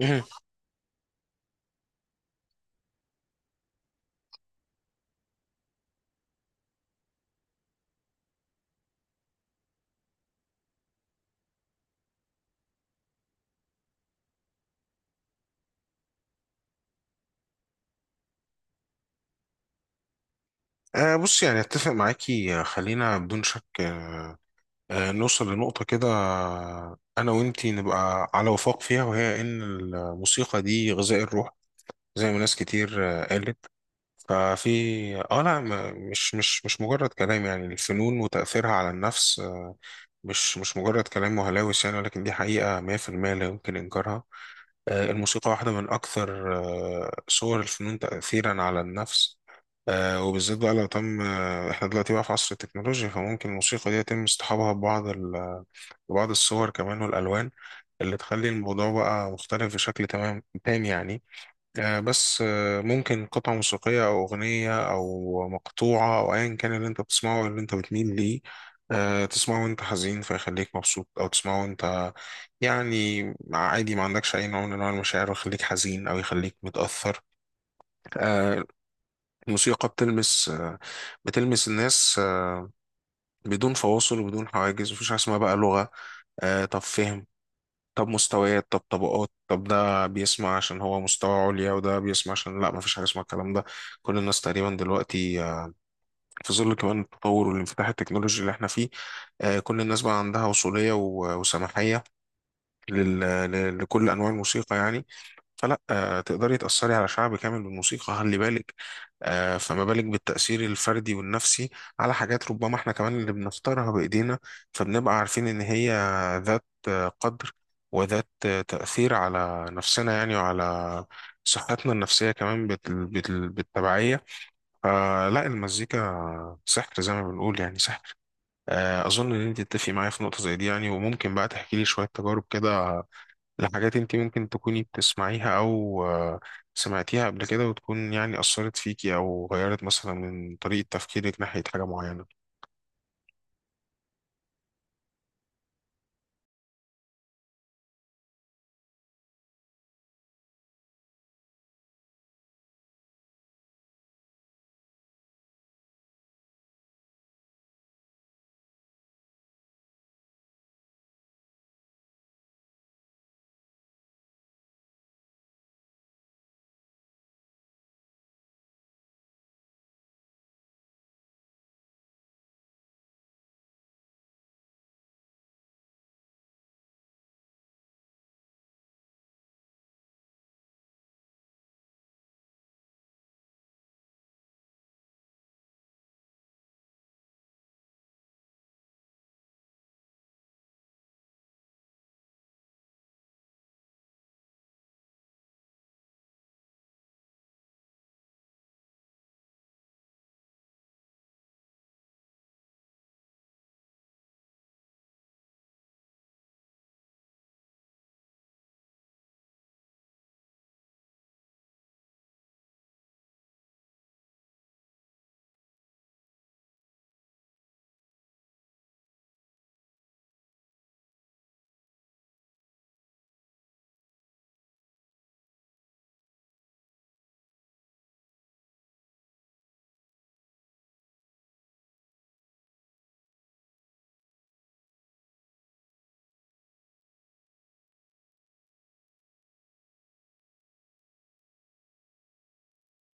مهم. بص يعني اتفق معاكي خلينا بدون شك نوصل لنقطة كده انا وانتي نبقى على وفاق فيها، وهي ان الموسيقى دي غذاء الروح زي ما ناس كتير قالت. ففي اه لا ما- مش مجرد كلام، يعني الفنون وتأثيرها على النفس مش مجرد كلام وهلاوس يعني، ولكن دي حقيقة 100% لا يمكن إنكارها. الموسيقى واحدة من أكثر صور الفنون تأثيرا على النفس. وبالذات بقى لو تم إحنا دلوقتي بقى في عصر التكنولوجيا، فممكن الموسيقى دي يتم اصطحابها ببعض الصور كمان والألوان اللي تخلي الموضوع بقى مختلف بشكل تمام تام يعني. آه، بس آه، ممكن قطعة موسيقية أو أغنية أو مقطوعة أو أيا كان اللي أنت بتسمعه واللي أنت بتميل ليه، تسمعه وأنت حزين فيخليك مبسوط، أو تسمعه وأنت يعني عادي ما عندكش أي نوع من أنواع المشاعر ويخليك حزين أو يخليك متأثر. آه، الموسيقى بتلمس بتلمس الناس بدون فواصل وبدون حواجز، مفيش حاجة اسمها بقى لغة طب فهم طب مستويات طب طبقات طب، ده بيسمع عشان هو مستوى عليا وده بيسمع عشان لا، مفيش حاجة اسمها الكلام ده. كل الناس تقريبا دلوقتي في ظل كمان التطور والانفتاح التكنولوجي اللي احنا فيه، كل الناس بقى عندها وصولية وسماحية لل- لكل أنواع الموسيقى يعني. فلا آه، تقدري تأثري على شعب كامل بالموسيقى، خلي بالك. فما بالك بالتأثير الفردي والنفسي على حاجات ربما احنا كمان اللي بنختارها بإيدينا، فبنبقى عارفين إن هي ذات قدر وذات تأثير على نفسنا يعني، وعلى صحتنا النفسية كمان بالتبعية. فلا، المزيكا سحر زي ما بنقول، يعني سحر. أظن إن أنت تتفقي معايا في نقطة زي دي يعني، وممكن بقى تحكي لي شوية تجارب كده لحاجات انت ممكن تكوني بتسمعيها او سمعتيها قبل كده وتكون يعني اثرت فيكي او غيرت مثلا من طريقة تفكيرك ناحية حاجة معينة.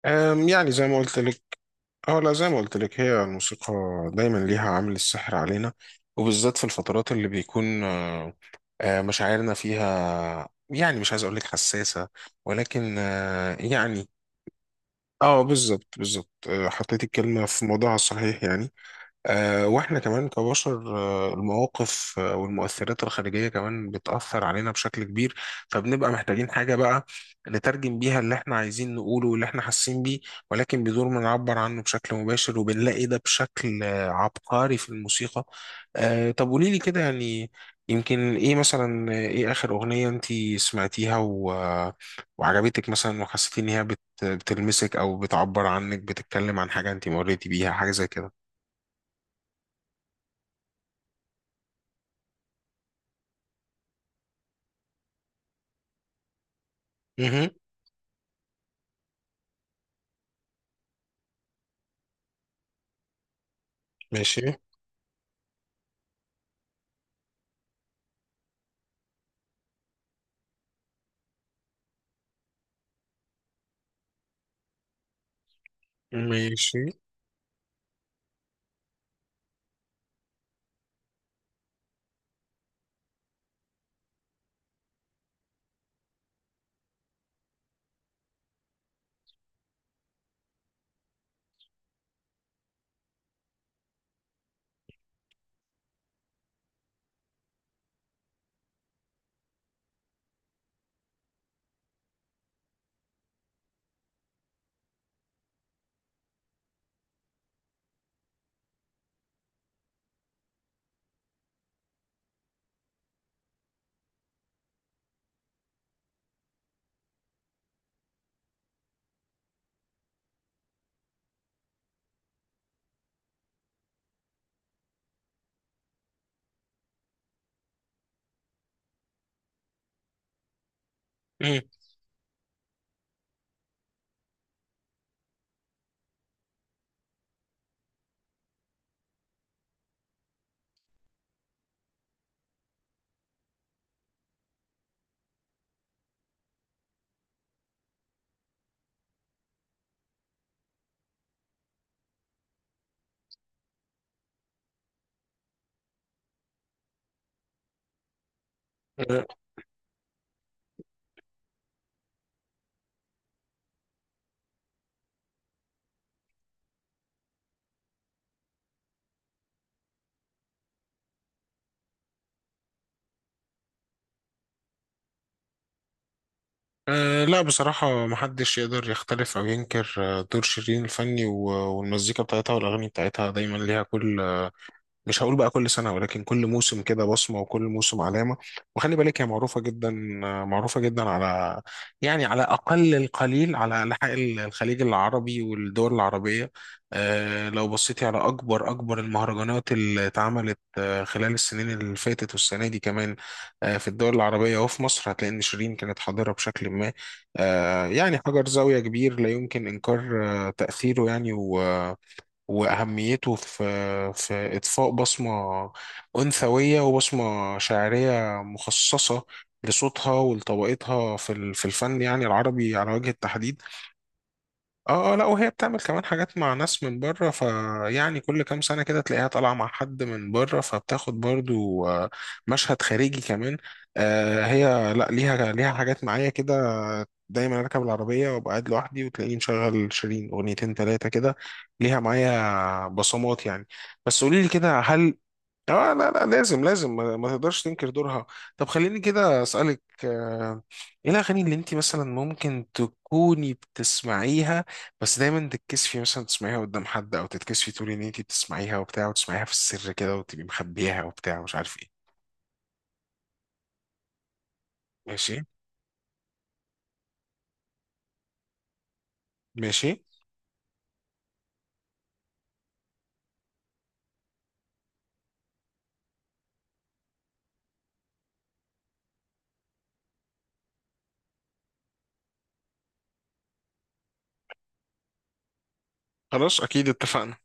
يعني زي ما قلت لك. اه لا، زي ما قلت لك هي الموسيقى دايما ليها عامل السحر علينا، وبالذات في الفترات اللي بيكون مشاعرنا فيها، يعني مش عايز اقول لك حساسة ولكن يعني. اه بالظبط بالظبط، حطيت الكلمة في موضوعها الصحيح يعني. واحنا كمان كبشر المواقف والمؤثرات الخارجية كمان بتأثر علينا بشكل كبير، فبنبقى محتاجين حاجة بقى نترجم بيها اللي احنا عايزين نقوله واللي احنا حاسين بيه، ولكن بدون ما نعبر عنه بشكل مباشر، وبنلاقي ده بشكل عبقري في الموسيقى. طب قولي لي كده يعني، يمكن ايه مثلا ايه آخر أغنية انتي سمعتيها و... آه، وعجبتك مثلا وحسيتي ان هي بتلمسك او بتعبر عنك، بتتكلم عن حاجة انتي مريتي بيها حاجة زي كده؟ ماشي. ماشي. مم. أه. لا، بصراحة محدش يقدر يختلف أو ينكر دور شيرين الفني والمزيكا بتاعتها والأغاني بتاعتها دايما ليها كل، مش هقول بقى كل سنة ولكن كل موسم كده بصمة وكل موسم علامة. وخلي بالك هي معروفة جدا، معروفة جدا على، يعني على أقل القليل على أنحاء الخليج العربي والدول العربية. لو بصيتي على أكبر المهرجانات اللي اتعملت خلال السنين اللي فاتت والسنة دي كمان في الدول العربية وفي مصر، هتلاقي إن شيرين كانت حاضرة بشكل ما. يعني حجر زاوية كبير لا يمكن إنكار تأثيره يعني وأهميته في إضفاء بصمة أنثوية وبصمة شعرية مخصصة لصوتها ولطبقتها في الفن يعني العربي على وجه التحديد. لا، وهي بتعمل كمان حاجات مع ناس من بره، فيعني كل كام سنة كده تلاقيها طالعة مع حد من بره فبتاخد برضو مشهد خارجي كمان. هي لا ليها حاجات معايا كده، دايما اركب العربية وابقى قاعد لوحدي وتلاقيني مشغل شيرين اغنيتين تلاتة كده. ليها معايا بصمات يعني. بس قولي لي كده، هل اه لا لا، لازم ما تقدرش تنكر دورها. طب خليني كده اسالك ايه الاغاني اللي انت مثلا ممكن تكوني بتسمعيها بس دايما تتكسفي مثلا تسمعيها قدام حد، او تتكسفي تقولي ان انت بتسمعيها وبتاع، وتسمعيها في السر كده وتبقي مخبيها وبتاع ومش عارف ايه؟ ماشي. ماشي. خلاص، اكيد اتفقنا.